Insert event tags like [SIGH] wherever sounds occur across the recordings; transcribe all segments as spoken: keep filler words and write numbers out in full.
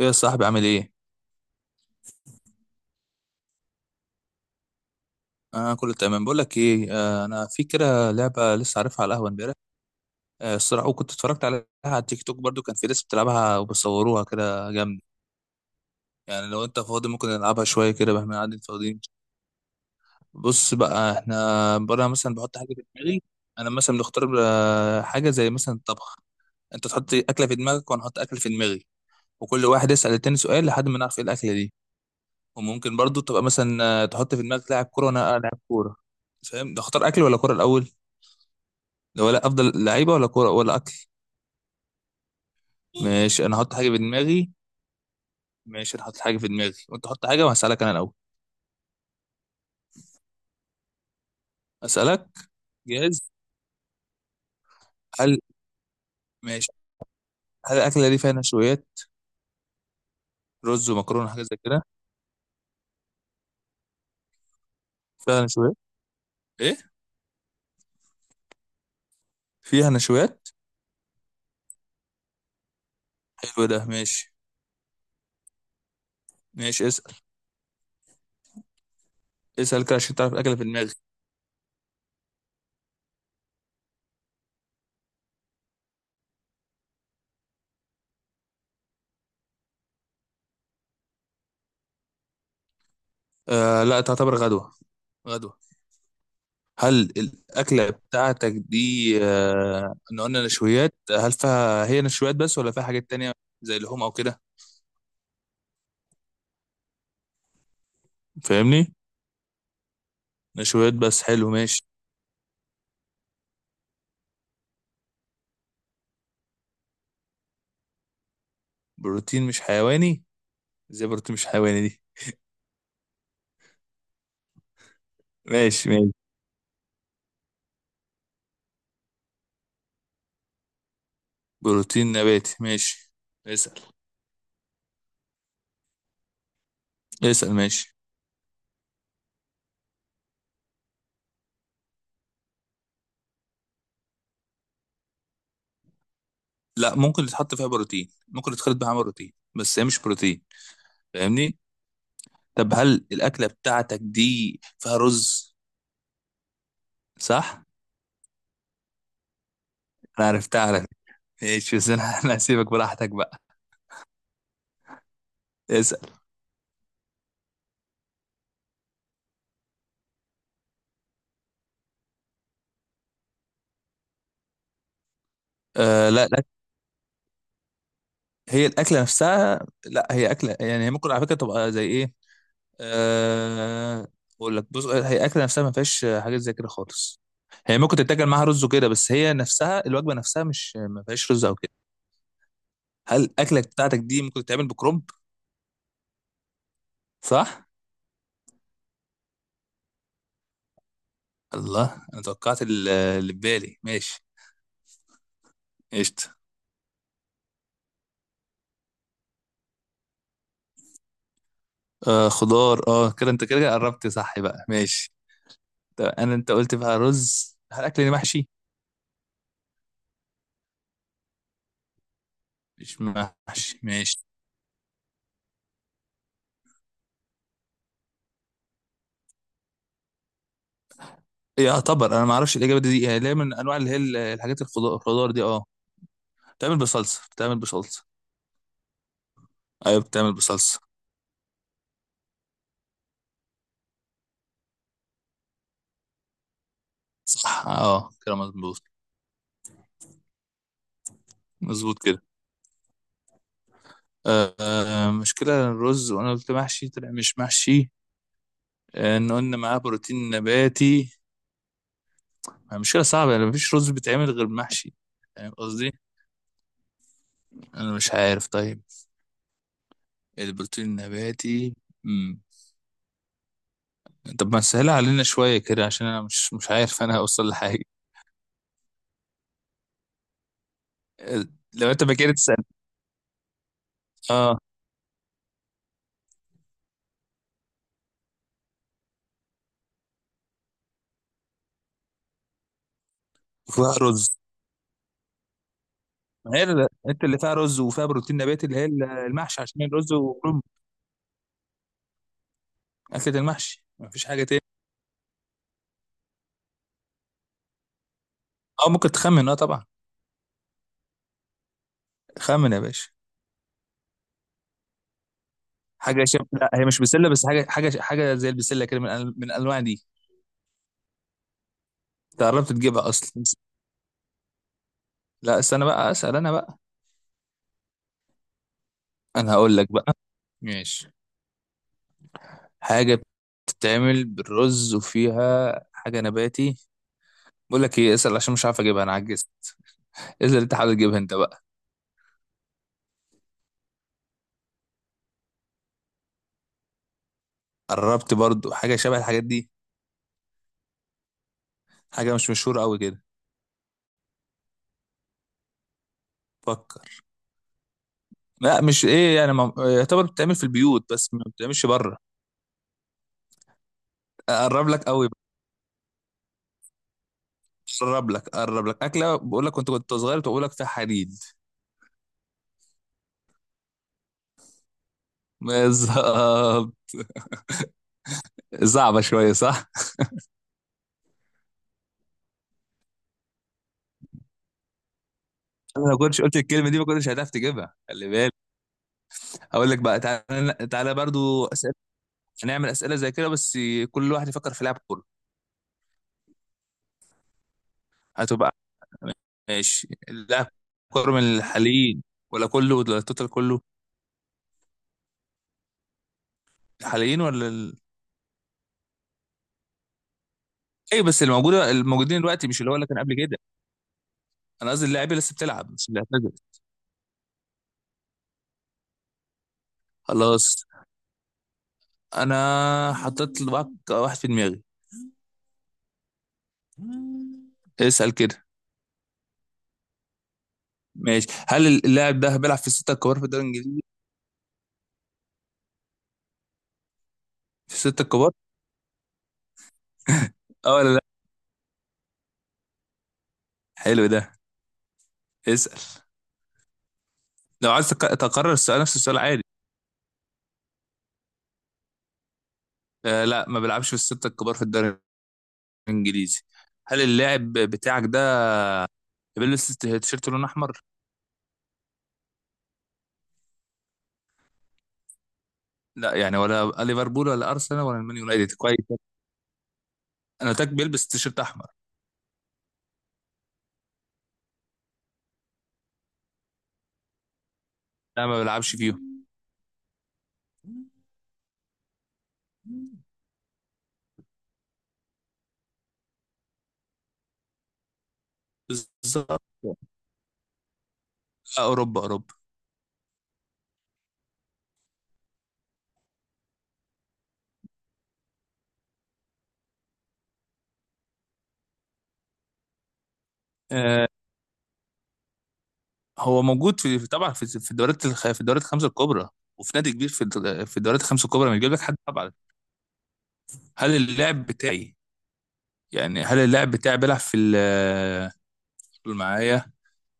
ايه يا صاحبي عامل ايه؟ انا كله تمام. بقول لك ايه، آه انا في كده لعبه لسه عارفها على القهوه امبارح. آه الصراحه، وكنت اتفرجت عليها على التيك توك برضو. كان في ناس بتلعبها وبيصوروها كده جامد. يعني لو انت فاضي ممكن نلعبها شويه كده بقى، احنا قاعدين فاضيين. بص بقى، احنا بره مثلا بحط حاجه في دماغي. انا مثلا بنختار آه، حاجه زي مثلا الطبخ. انت تحط اكله في دماغك وانا احط اكل في دماغي، وكل واحد يسال التاني سؤال لحد ما نعرف ايه الاكله دي. وممكن برضو تبقى مثلا آه، تحط في دماغك لاعب كوره وانا لاعب كوره. فاهم؟ ده اختار اكل ولا كوره الاول؟ ولا افضل لعيبه ولا كوره ولا اكل؟ ماشي، انا هحط حاجه في دماغي. ماشي، انا هحط حاجه في دماغي وانت حط حاجه، وهسالك انا الاول. اسالك. جاهز؟ هل، ماشي. هل الاكله دي فيها نشويات؟ رز ومكرونه حاجه زي كده؟ فيها نشويات؟ ايه؟ فيها نشويات. حلو، ده ماشي. ماشي، اسال. اسال كده عشان تعرف الاكله في دماغي. آه لا، تعتبر غدوه. غدوه. هل الاكله بتاعتك دي آه ان قلنا نشويات، هل فيها هي نشويات بس ولا فيها حاجات تانية؟ زي لحوم او كده. فاهمني؟ نشويات بس، حلو ماشي. بروتين مش حيواني؟ ازاي بروتين مش حيواني دي؟ ماشي ماشي، بروتين نباتي ماشي. اسأل. اسأل ماشي. لا، ممكن يتحط فيها بروتين، ممكن يتخلط بيها عمل بروتين، بس هي مش بروتين. فاهمني؟ طب هل الأكلة بتاعتك دي فيها رز؟ صح. انا عرفتها على فكرة. ماشي بس انا [LAUGHS] انا هسيبك براحتك بقى. اسأل. آه لا لا، هي الأكلة نفسها. لا، هي أكلة يعني، هي ممكن على فكرة تبقى زي ايه، أه... اقول لك، بص هي الاكله نفسها ما فيهاش حاجات زي كده خالص. هي ممكن تتاكل معاها رز وكده، بس هي نفسها الوجبه نفسها مش ما فيهاش رز او كده. هل الاكله بتاعتك دي ممكن تتعمل بكرنب؟ صح. الله، انا توقعت ال- اللي في بالي. ماشي. قشطه. آه خضار اه، كده انت كده قربت. صح بقى، ماشي. طب انا انت قلت بقى رز، هل الاكل دي محشي؟ مش محشي، ماشي. يعتبر انا ما اعرفش الاجابه دي، يعني ليه من انواع اللي هي ال- الحاجات الخضار الخضار دي اه. بتعمل بصلصه، بتعمل بصلصه. ايوه بتعمل بصلصه. صح، اه كده مظبوط. مظبوط كده. آه آه، مشكلة الرز، وانا قلت محشي طلع مش محشي. آه، ان قلنا معاه بروتين نباتي، يعني مشكلة صعبة. يعني مفيش رز بيتعمل غير محشي، فاهم قصدي؟ انا مش عارف. طيب، البروتين النباتي. مم. طب ما سهلها علينا شوية كده، عشان انا مش مش عارف انا هوصل لحاجة. آه، لو انت ما كده تسأل. اه، وفيها رز. ما هي ال- انت اللي فيها رز وفيها بروتين نباتي اللي هي المحشي، عشان الرز وكرنب. أكلة المحشي مفيش حاجة تاني. أو ممكن تخمن، أه طبعا. خمن يا باشا. حاجة شب... لا هي مش بسلة، بس حاجة حاجة حاجة زي البسلة كده، من أن- من الأنواع دي. أنت قربت تجيبها أصلا. لا استنى بقى، أسأل أنا بقى. أنا هقول لك بقى. ماشي. حاجة بتتعمل بالرز وفيها حاجة نباتي. بقول لك إيه، اسأل عشان مش عارف أجيبها، أنا عجزت. اسأل أنت، حاول تجيبها أنت بقى. قربت برضو، حاجة شبه الحاجات دي. حاجة مش مشهورة أوي كده. فكر. لا مش إيه يعني ما... يعتبر بتتعمل في البيوت بس ما بتتعملش بره. اقرب لك قوي. قرب لك قرب لك اكله. بقول لك كنت كنت صغير، بقول لك فيها حديد. بالظبط. صعبه شويه، صح؟ انا لو كنتش قلت الكلمه دي ما كنتش هتعرف تجيبها، خلي بالك. اقول لك بقى، تعالى تعالى برضو اسئله. هنعمل اسئله زي كده بس. كل واحد يفكر في لعب كوره. هتبقى، ماشي. اللاعب كوره من الحاليين ولا كله، ولا التوتال كله؟ الحاليين ولا ال... اي بس الموجوده الموجودين دلوقتي، مش اللي هو اللي كان قبل كده. انا قصدي اللاعب اللي لسه بتلعب، مش اللي اعتزل. خلاص، انا حطيت لك واحد في دماغي. مم. اسأل كده. ماشي، هل اللاعب ده بيلعب في الستة الكبار في الدوري الإنجليزي؟ في الستة الكبار؟ اه ولا لا؟ حلو ده، اسأل. لو عايز تك- تكرر السؤال، نفس السؤال عادي. آه لا، ما بيلعبش في الستة الكبار في الدوري الإنجليزي. هل اللاعب بتاعك ده بيلبس تيشيرت لون أحمر؟ لا يعني، ولا ليفربول ولا أرسنال ولا المان يونايتد، كويس. أنا قلت لك بيلبس تيشيرت أحمر. لا، ما بيلعبش فيهم. بالظبط. آه، أوروبا أوروبا. آه، هو موجود في طبعا في في الدوريات الخ- في الدوريات الخمسه الكبرى، وفي نادي كبير في ال- في الدوريات الخمسه الكبرى، ما يجيب لك حد طبعا. هل اللاعب بتاعي يعني هل اللاعب بتاعي بيلعب في ال- قول معايا،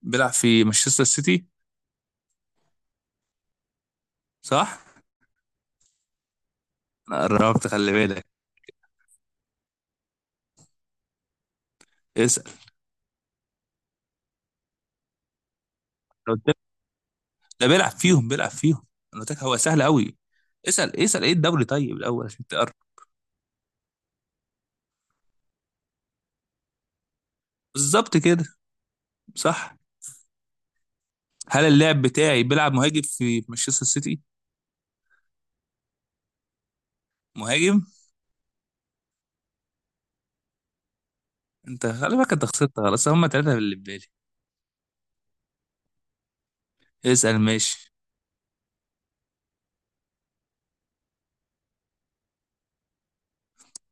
بيلعب في مانشستر سيتي. صح؟ انا قربت، خلي بالك. اسال. لو قلت لك- ده بيلعب فيهم بيلعب فيهم. انا قلت لك هو سهل قوي. اسال، اسال ايه الدوري طيب الاول عشان تقرب. بالظبط كده. صح. هل اللاعب بتاعي بيلعب مهاجم في مانشستر سيتي؟ مهاجم. انت خلي بالك، انت خسرت خلاص، هم ثلاثه اللي في بالي. اسأل ماشي.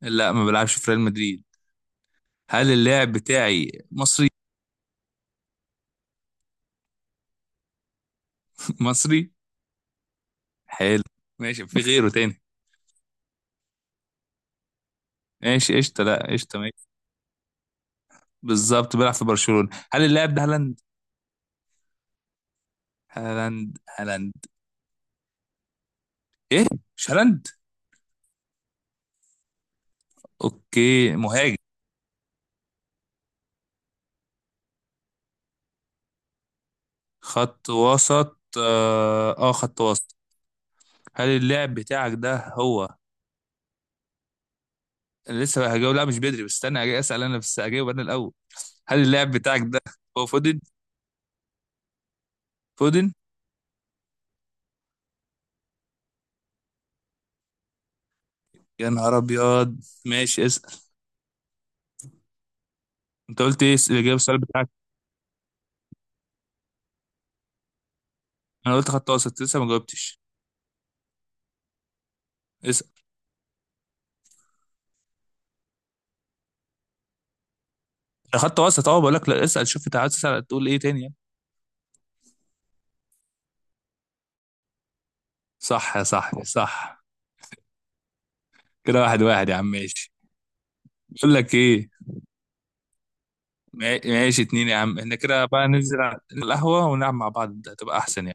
لا، ما بلعبش في ريال مدريد. هل اللاعب بتاعي مصري؟ [LAUGHS] مصري؟ حلو، ماشي، في غيره تاني. ماشي قشطة، لا قشطة ماشي. بالظبط، بيلعب في برشلونة. هل اللاعب ده هالاند؟ هالاند. هالاند. ايه. مش هالاند؟ اوكي، مهاجم؟ خط وسط، اه آه، خط وسط. هل اللاعب بتاعك ده هو، أنا لسه هجاوب، لا مش بدري، بس استنى هجي اسال انا، بس هجاوب انا الاول. هل اللاعب بتاعك ده هو فودن؟ فودن. يا نهار ابيض. ماشي، اسال. انت قلت ايه الاجابه، السؤال بتاعك؟ انا قلت خط وسط، لسه ما جاوبتش. اسال. خط وسط اه، بقول لك لا اسال، شوف انت عايز تسال تقول ايه تاني يعني. صح يا صاحبي، صح. كده واحد واحد يا عم، ماشي. بقول لك ايه، ما- ماشي اتنين يا عم. احنا كده بقى ننزل على القهوه ونلعب مع بعض، ده هتبقى احسن.